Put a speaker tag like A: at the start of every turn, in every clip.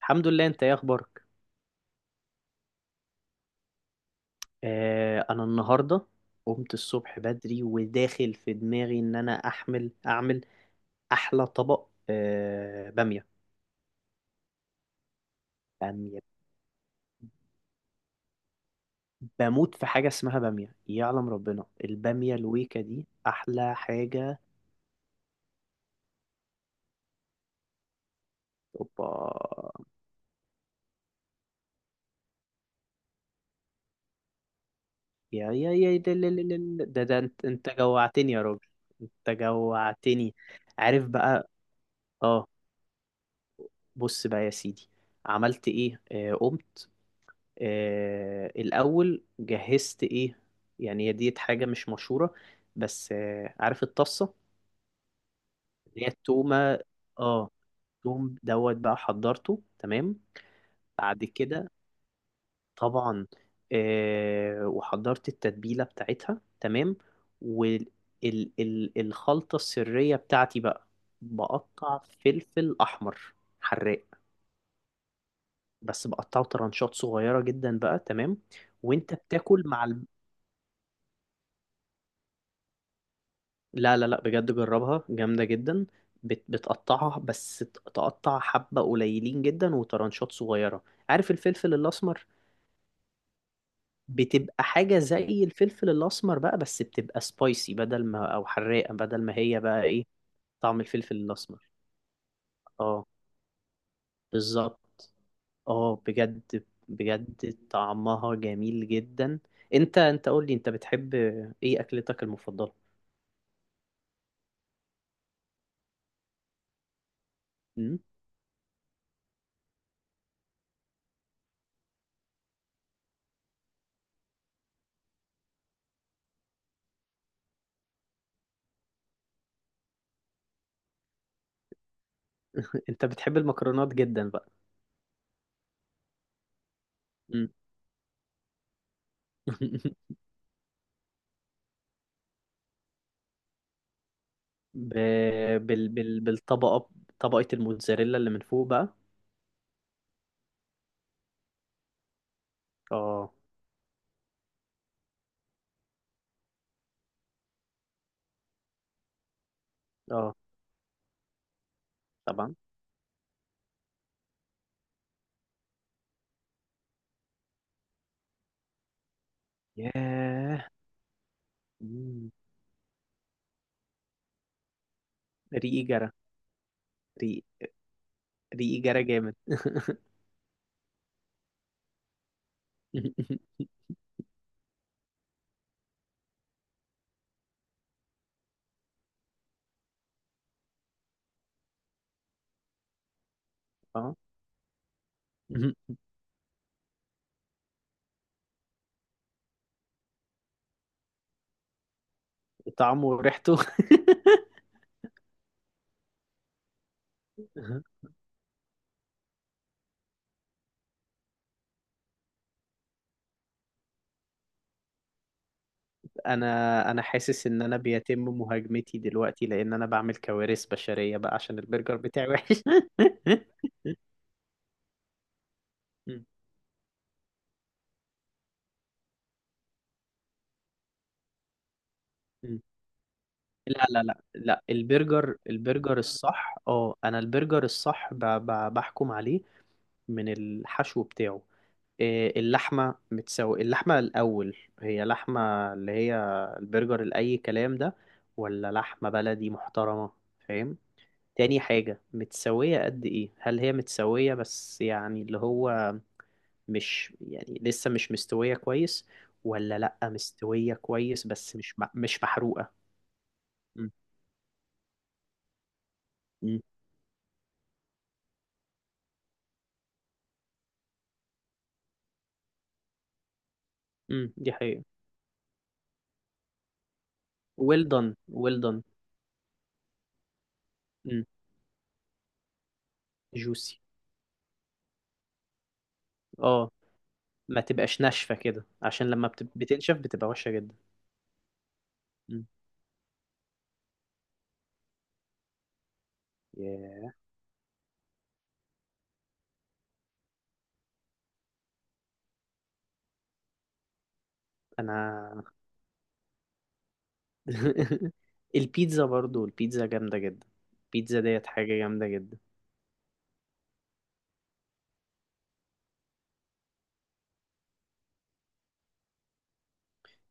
A: الحمد لله. انت ايه اخبارك؟ انا النهارده قمت الصبح بدري، وداخل في دماغي ان انا اعمل احلى طبق باميه. باميه. بموت في حاجه اسمها باميه، يعلم ربنا الباميه الويكه دي احلى حاجه. اوبا. يا ده انت جوعتني يا راجل. انت جوعتني. عارف بقى. اه. بص بقى يا سيدي، عملت ايه؟ قمت. الأول جهزت إيه؟ يعني هي ديت حاجة مش مشهورة، بس عارف الطاسة اللي هي التومة. اه. التوم دوت بقى حضرته تمام. بعد كده، طبعا. وحضرت التتبيلة بتاعتها تمام. والخلطة السرية بتاعتي بقى، بقطع فلفل أحمر حراق، بس بقطعه ترانشات صغيرة جدا بقى. تمام. وانت بتاكل مع لا لا لا، بجد جربها جامدة جدا. بتقطعها، بس تقطع حبة قليلين جدا وترانشات صغيرة. عارف الفلفل الأسمر؟ بتبقى حاجة زي الفلفل الأسمر بقى، بس بتبقى سبايسي بدل ما أو حراقة، بدل ما هي بقى إيه؟ طعم الفلفل الأسمر. اه بالظبط. اه بجد بجد طعمها جميل جدا. انت قول لي، انت بتحب ايه اكلتك المفضلة؟ م؟ انت بتحب المكرونات جدا بقى. م. ب... بالطبقة، طبقة الموتزاريلا اللي من فوق بقى. اه اه طبعا. ياه. مم. ريقي جرى. ريقي ريقي جرى جامد. اه. مم. طعمه وريحته. انا انا حاسس ان انا بيتم مهاجمتي دلوقتي، لان انا بعمل كوارث بشرية بقى عشان البرجر بتاعي وحش. مم. مم. لا لا لا لا، البرجر الصح، اه انا البرجر الصح بحكم عليه من الحشو بتاعه. إيه، اللحمة الأول، هي لحمة اللي هي البرجر الأي كلام ده، ولا لحمة بلدي محترمة؟ فاهم؟ تاني حاجة، متسوية قد إيه؟ هل هي متسوية بس يعني اللي هو مش يعني لسه مش مستوية كويس، ولا لأ مستوية كويس بس مش محروقة؟ م- م- م، دي حقيقة. well done well done. م. juicy. اه، ما تبقاش ناشفة كده عشان لما بتنشف بتبقى وحشة جدا. م. ياه. انا. البيتزا برضو، البيتزا جامدة جدا. البيتزا ديت حاجة جامدة جدا.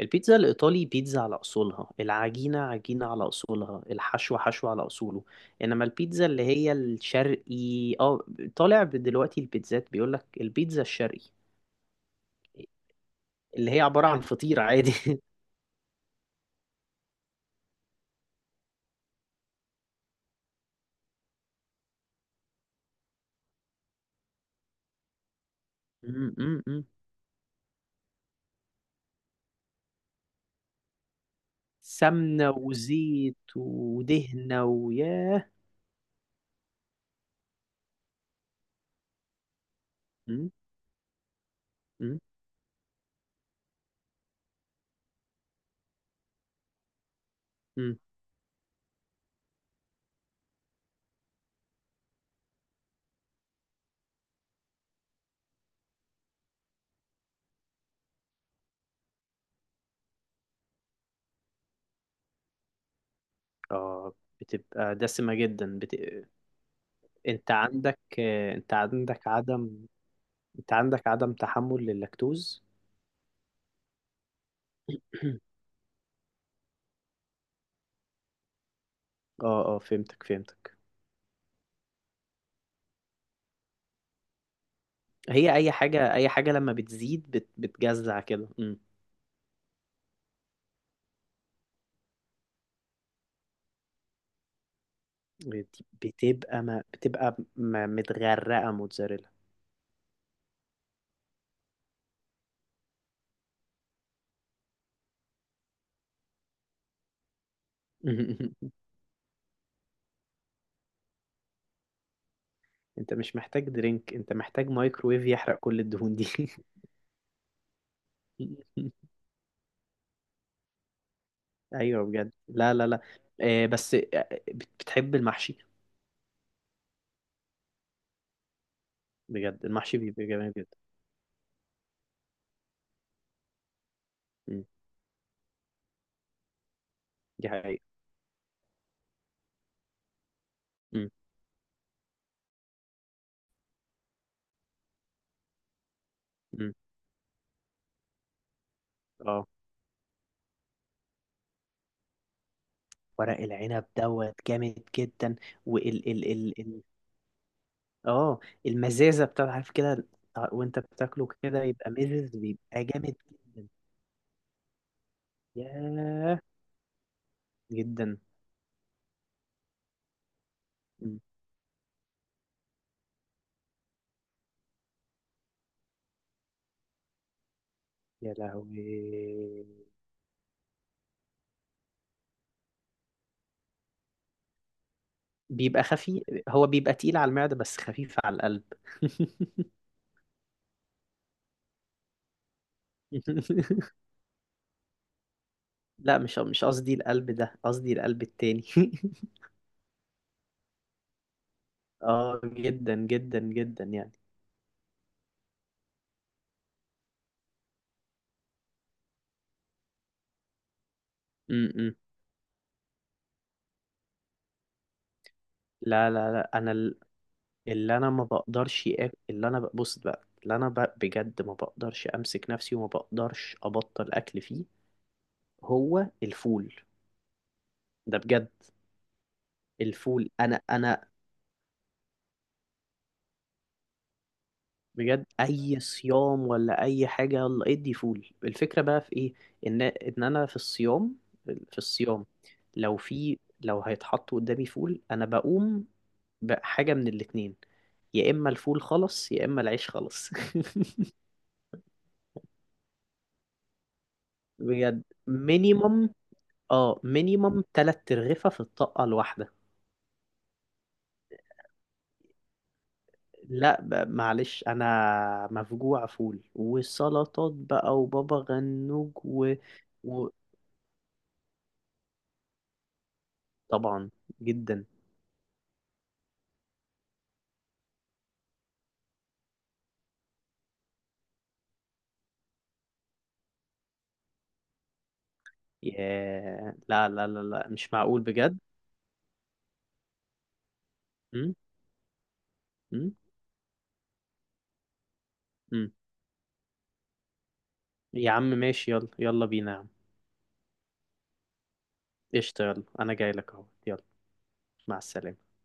A: البيتزا الإيطالي بيتزا على أصولها، العجينة عجينة على أصولها، الحشو حشو على أصوله. إنما البيتزا اللي هي الشرقي، اه، طالع دلوقتي البيتزات بيقولك البيتزا الشرقي اللي هي عبارة عن فطير عادي. م. سمنة وزيت ودهنة ويا. م- م- م. اه بتبقى دسمة جدا. انت عندك انت عندك انت عندك عدم تحمل لللاكتوز. اه اه، فهمتك فهمتك. هي اي حاجة، اي حاجة لما بتزيد بتجزع كده. مم. بتبقى ما... بتبقى م... متغرقة موتزاريلا. انت مش محتاج درينك، انت محتاج مايكرويف يحرق كل الدهون دي. ايوه بجد، لا لا لا. بس بتحب المحشي؟ بجد المحشي بيبقى جميل جدا. مم. دي حقيقة. مم. مم. اه ورق العنب دوت جامد جدا. وال ال ال ال اه المزازه بتاع، عارف كده، وانت بتاكله كده يبقى مزز، بيبقى جامد جدا. ياه. جدا. مم. يا لهوي. بيبقى خفيف، هو بيبقى تقيل على المعدة بس خفيف على القلب. لا، مش مش قصدي القلب ده، قصدي القلب التاني. اه جدا جدا جدا يعني. م -م. لا لا لا انا. اللي انا ما بقدرش أ- بص بقى، بجد ما بقدرش امسك نفسي وما بقدرش ابطل اكل فيه. هو الفول ده بجد. الفول، انا بجد اي صيام ولا اي حاجه يلا ادي فول. الفكره بقى في ايه، ان انا في الصيام، في الصيام، لو في لو هيتحط قدامي فول انا بقوم بحاجه من الاتنين، يا اما الفول خلص يا اما العيش خلص. بجد مينيمم. اه مينيمم تلات ترغفة في الطاقة الواحدة. لا معلش، انا مفجوع فول وسلطات بقى وبابا غنوج و... طبعا. جدا. ياه. لا لا لا لا مش معقول بجد. م؟ م؟ م. يا عم ماشي، يلا يلا بينا يا عم. قشطة، يلا انا جاي لك اهو، يلا. مع السلامة.